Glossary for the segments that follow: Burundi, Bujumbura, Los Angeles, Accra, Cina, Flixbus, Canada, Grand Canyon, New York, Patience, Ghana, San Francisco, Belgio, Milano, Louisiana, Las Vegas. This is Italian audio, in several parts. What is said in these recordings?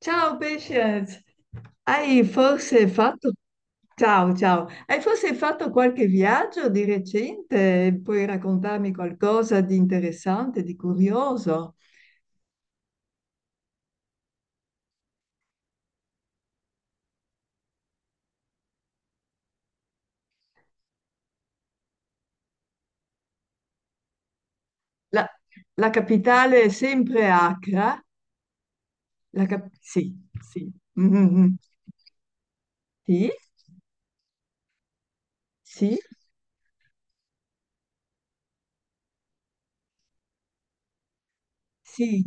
Ciao Patience. hai forse fatto... Ciao, ciao. Hai forse fatto qualche viaggio di recente? Puoi raccontarmi qualcosa di interessante, di curioso? La, la capitale è sempre Accra? Sì, sì. Mhm. Sì, sì, sì,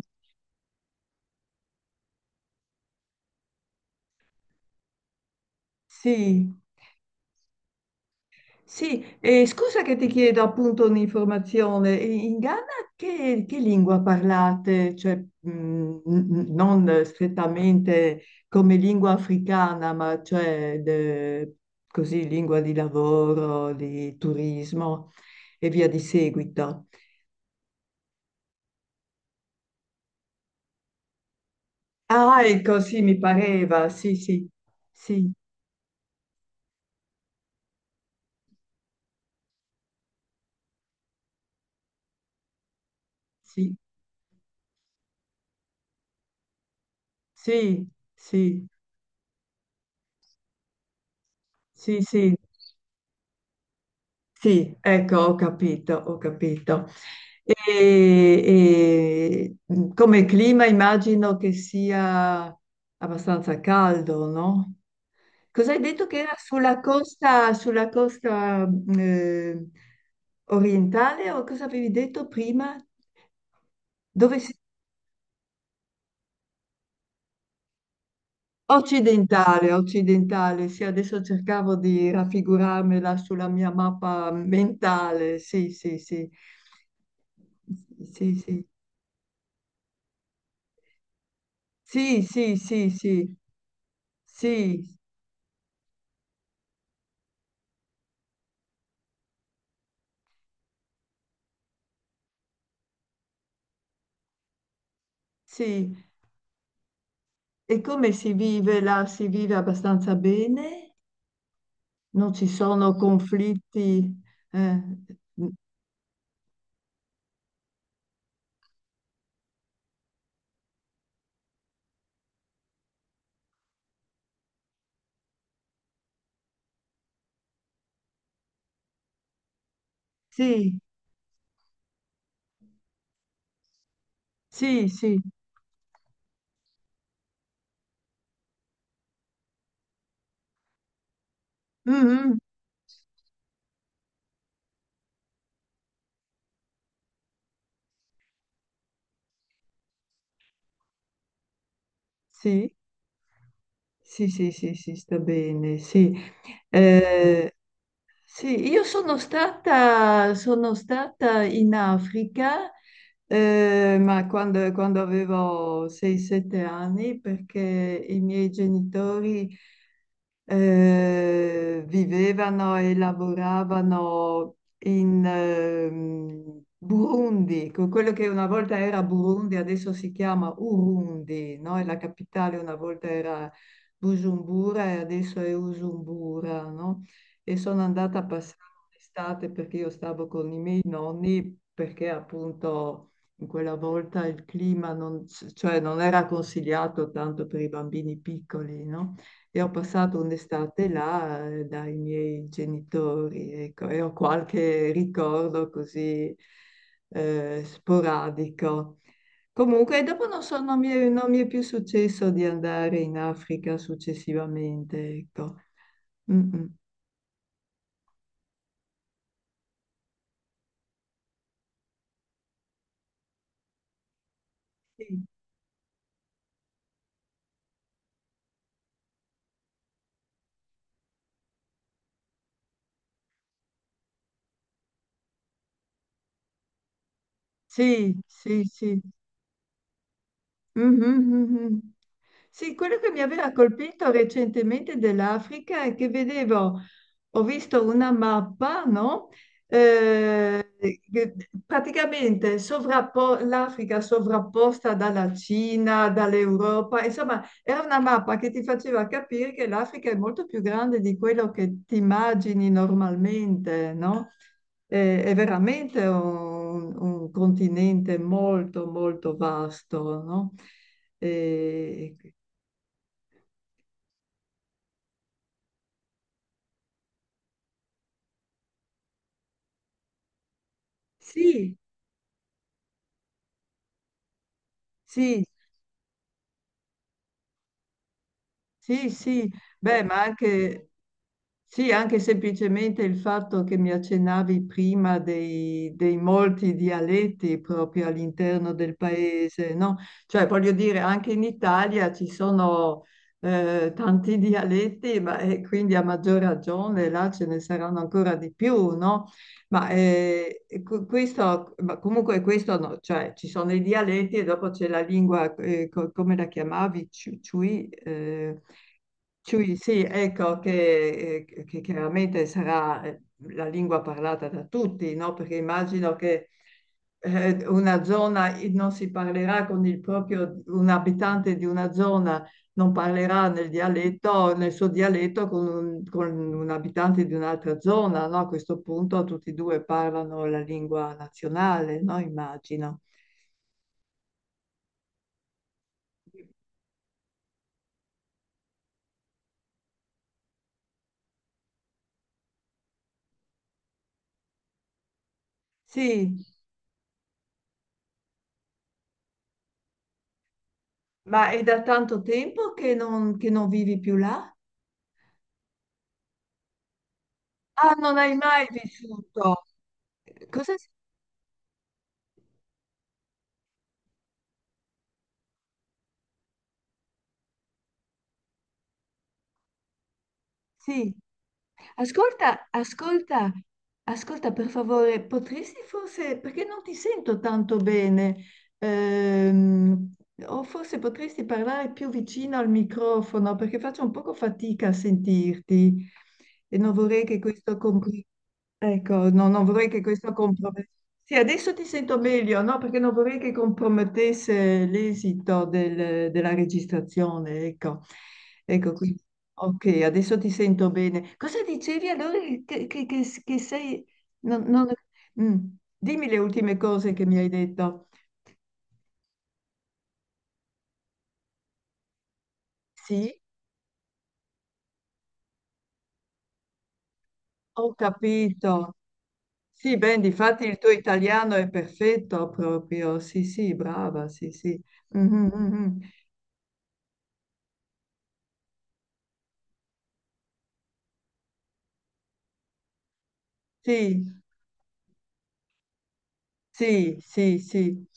sì. Sì, scusa che ti chiedo appunto un'informazione. In Ghana che lingua parlate? Cioè, non strettamente come lingua africana, ma cioè così lingua di lavoro, di turismo e via di seguito. Ah, ecco, sì, mi pareva. Sì, sì, sì, sì, sì, sì, sì, sì. Sì. Sì, ecco, ho capito, ho capito. E, e, come clima immagino che sia abbastanza caldo, no? Cos'hai detto che era sulla costa orientale o cosa avevi detto prima? Dove si Occidentale, occidentale, sì, adesso cercavo di raffigurarmela sulla mia mappa mentale, sì, sì, sì, sì, sì, sì, sì, sì, sì, sì, sì. E come si vive là? Si vive abbastanza bene? Non ci sono conflitti? Eh, sì, sì, sì. Mhm. Sì, sì, sì, sì, sì, sta bene, sì. Eh, sì, io sono stata in Africa, ma quando avevo 6-7 anni, perché i miei genitori vivevano e lavoravano in Burundi, con quello che una volta era Burundi, adesso si chiama Urundi, no? E la capitale una volta era Bujumbura e adesso è Usumbura, no? E sono andata a passare l'estate perché io stavo con i miei nonni perché appunto in quella volta il clima non, cioè non era consigliato tanto per i bambini piccoli, no? E ho passato un'estate là dai miei genitori, ecco, e ho qualche ricordo così sporadico. Comunque, dopo non so, non mi è più successo di andare in Africa successivamente, ecco. Mm, mm. Sì. Sì, sì, sì. Mhm, mhm. Sì, quello che mi aveva colpito recentemente dell'Africa è che vedevo, ho visto una mappa, no? Che praticamente l'Africa sovrapposta dalla Cina, dall'Europa, insomma, era una mappa che ti faceva capire che l'Africa è molto più grande di quello che ti immagini normalmente, no? È veramente un continente molto, molto vasto, no? E- Sì, sì, sì, sì, beh, ma anche, sì, anche semplicemente il fatto che mi accennavi prima dei molti dialetti proprio all'interno del paese, no? Cioè, voglio dire, anche in Italia ci sono tanti dialetti, ma e quindi a maggior ragione là ce ne saranno ancora di più, no? Ma questo, ma comunque questo no, cioè ci sono i dialetti e dopo c'è la lingua, come la chiamavi? Ciui? Ciui, sì, ecco, che chiaramente sarà la lingua parlata da tutti, no? Perché immagino che una zona non si parlerà con un abitante di una zona non parlerà nel suo dialetto con un abitante di un'altra zona, no? A questo punto tutti e due parlano la lingua nazionale, no? Immagino. Sì, ma è da tanto tempo che non, vivi più là? Ah, non hai mai vissuto. Cosa? Sì. Ascolta, ascolta, ascolta per favore, potresti forse, perché non ti sento tanto bene, ehm, o forse potresti parlare più vicino al microfono perché faccio un poco fatica a sentirti e non vorrei che questo complicasse. Ecco, no, non vorrei che questo compromettesse. Sì, adesso ti sento meglio, no? Perché non vorrei che compromettesse l'esito della registrazione, ecco. Ecco, quindi, ok, adesso ti sento bene. Cosa dicevi allora che sei... non- non- Mm, Dimmi le ultime cose che mi hai detto. Sì, ho capito. Sì, ben, difatti il tuo italiano è perfetto proprio. Sì, sì, brava, sì, sì. Mhm, mhm. Sì, Sì, sì, sì,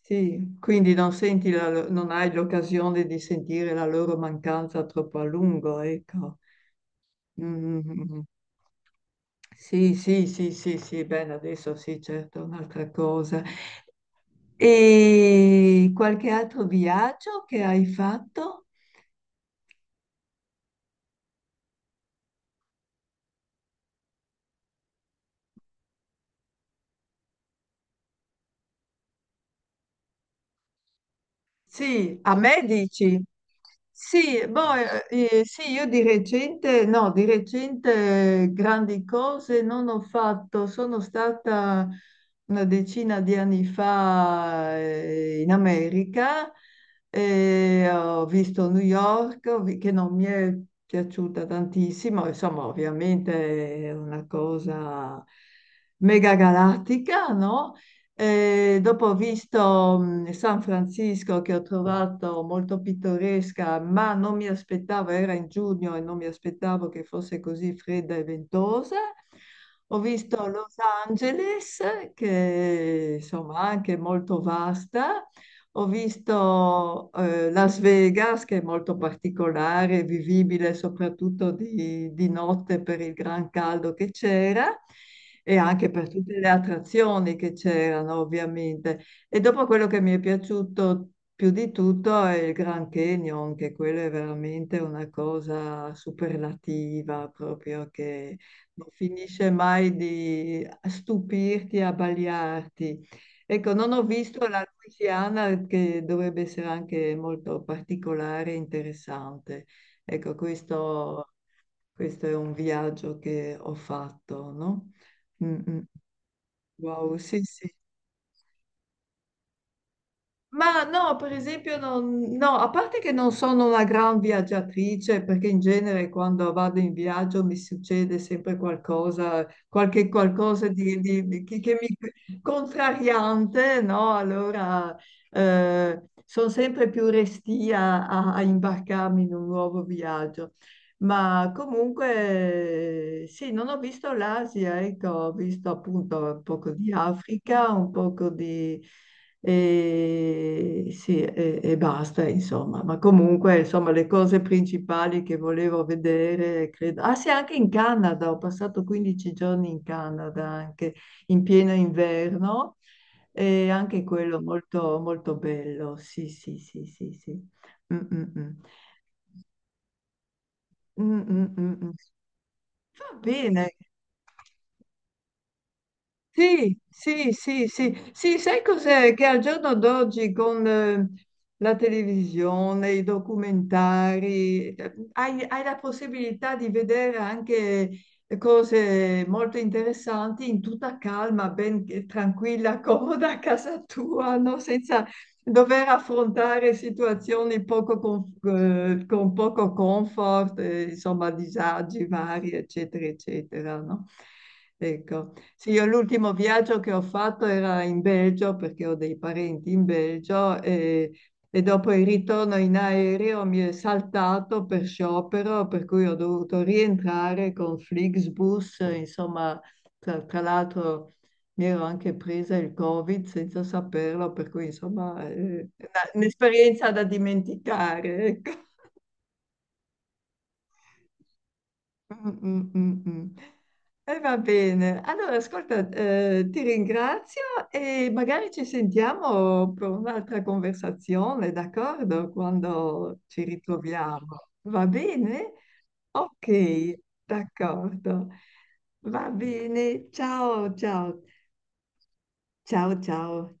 sì, quindi non senti non hai l'occasione di sentire la loro mancanza troppo a lungo, ecco. Mm, sì, sì, sì, sì, sì, bene, adesso sì, certo, è un'altra cosa. E qualche altro viaggio che hai fatto? Sì, a me dici? Sì, boh, sì, io di recente, no, di recente grandi cose non ho fatto, sono stata una decina di anni fa in America e ho visto New York, che non mi è piaciuta tantissimo, insomma, ovviamente è una cosa mega galattica, no? E dopo ho visto San Francisco che ho trovato molto pittoresca, ma non mi aspettavo, era in giugno e non mi aspettavo che fosse così fredda e ventosa. Ho visto Los Angeles, che insomma anche molto vasta, ho visto Las Vegas, che è molto particolare, vivibile soprattutto di notte per il gran caldo che c'era e anche per tutte le attrazioni che c'erano, ovviamente. E dopo quello che mi è piaciuto più di tutto è il Grand Canyon, che quello è veramente una cosa superlativa, proprio che non finisce mai di stupirti, abbagliarti. Ecco, non ho visto la Louisiana che dovrebbe essere anche molto particolare e interessante. Ecco, questo è un viaggio che ho fatto, no? Mm, mm. Wow, sì, sì. Ma no, per esempio, no, a parte che non sono una gran viaggiatrice, perché in genere quando vado in viaggio mi succede sempre qualcosa, qualche qualcosa che mi contrariante, no? Allora sono sempre più restia a imbarcarmi in un nuovo viaggio. Ma comunque sì, non ho visto l'Asia, ecco, ho visto appunto un poco di Africa, un poco di e, sì, e basta, insomma. Ma comunque, insomma, le cose principali che volevo vedere, credo... Ah sì, anche in Canada, ho passato 15 giorni in Canada, anche in pieno inverno, e anche quello molto, molto bello, sì, sì, sì, sì, sì. Mm, mm, mm. Mm, mm, mm, mm. Va bene. Sì, sì, sì, sì, sì, sai cos'è? Che al giorno d'oggi con la televisione, i documentari, hai la possibilità di vedere anche cose molto interessanti in tutta calma, ben tranquilla, comoda a casa tua, no? Senza dover affrontare situazioni poco con poco comfort, insomma, disagi vari, eccetera, eccetera, no? Ecco. Sì, io l'ultimo viaggio che ho fatto era in Belgio perché ho dei parenti in Belgio e dopo il ritorno in aereo mi è saltato per sciopero, per cui ho dovuto rientrare con Flixbus, insomma, tra l'altro mi ero anche presa il Covid senza saperlo, per cui insomma è un'esperienza da dimenticare. Ecco. Mm, mm, mm, mm. E va bene. Allora, ascolta, ti ringrazio e magari ci sentiamo per un'altra conversazione, d'accordo? Quando ci ritroviamo. Va bene? Ok, d'accordo. Va bene. Ciao, ciao. Ciao, ciao.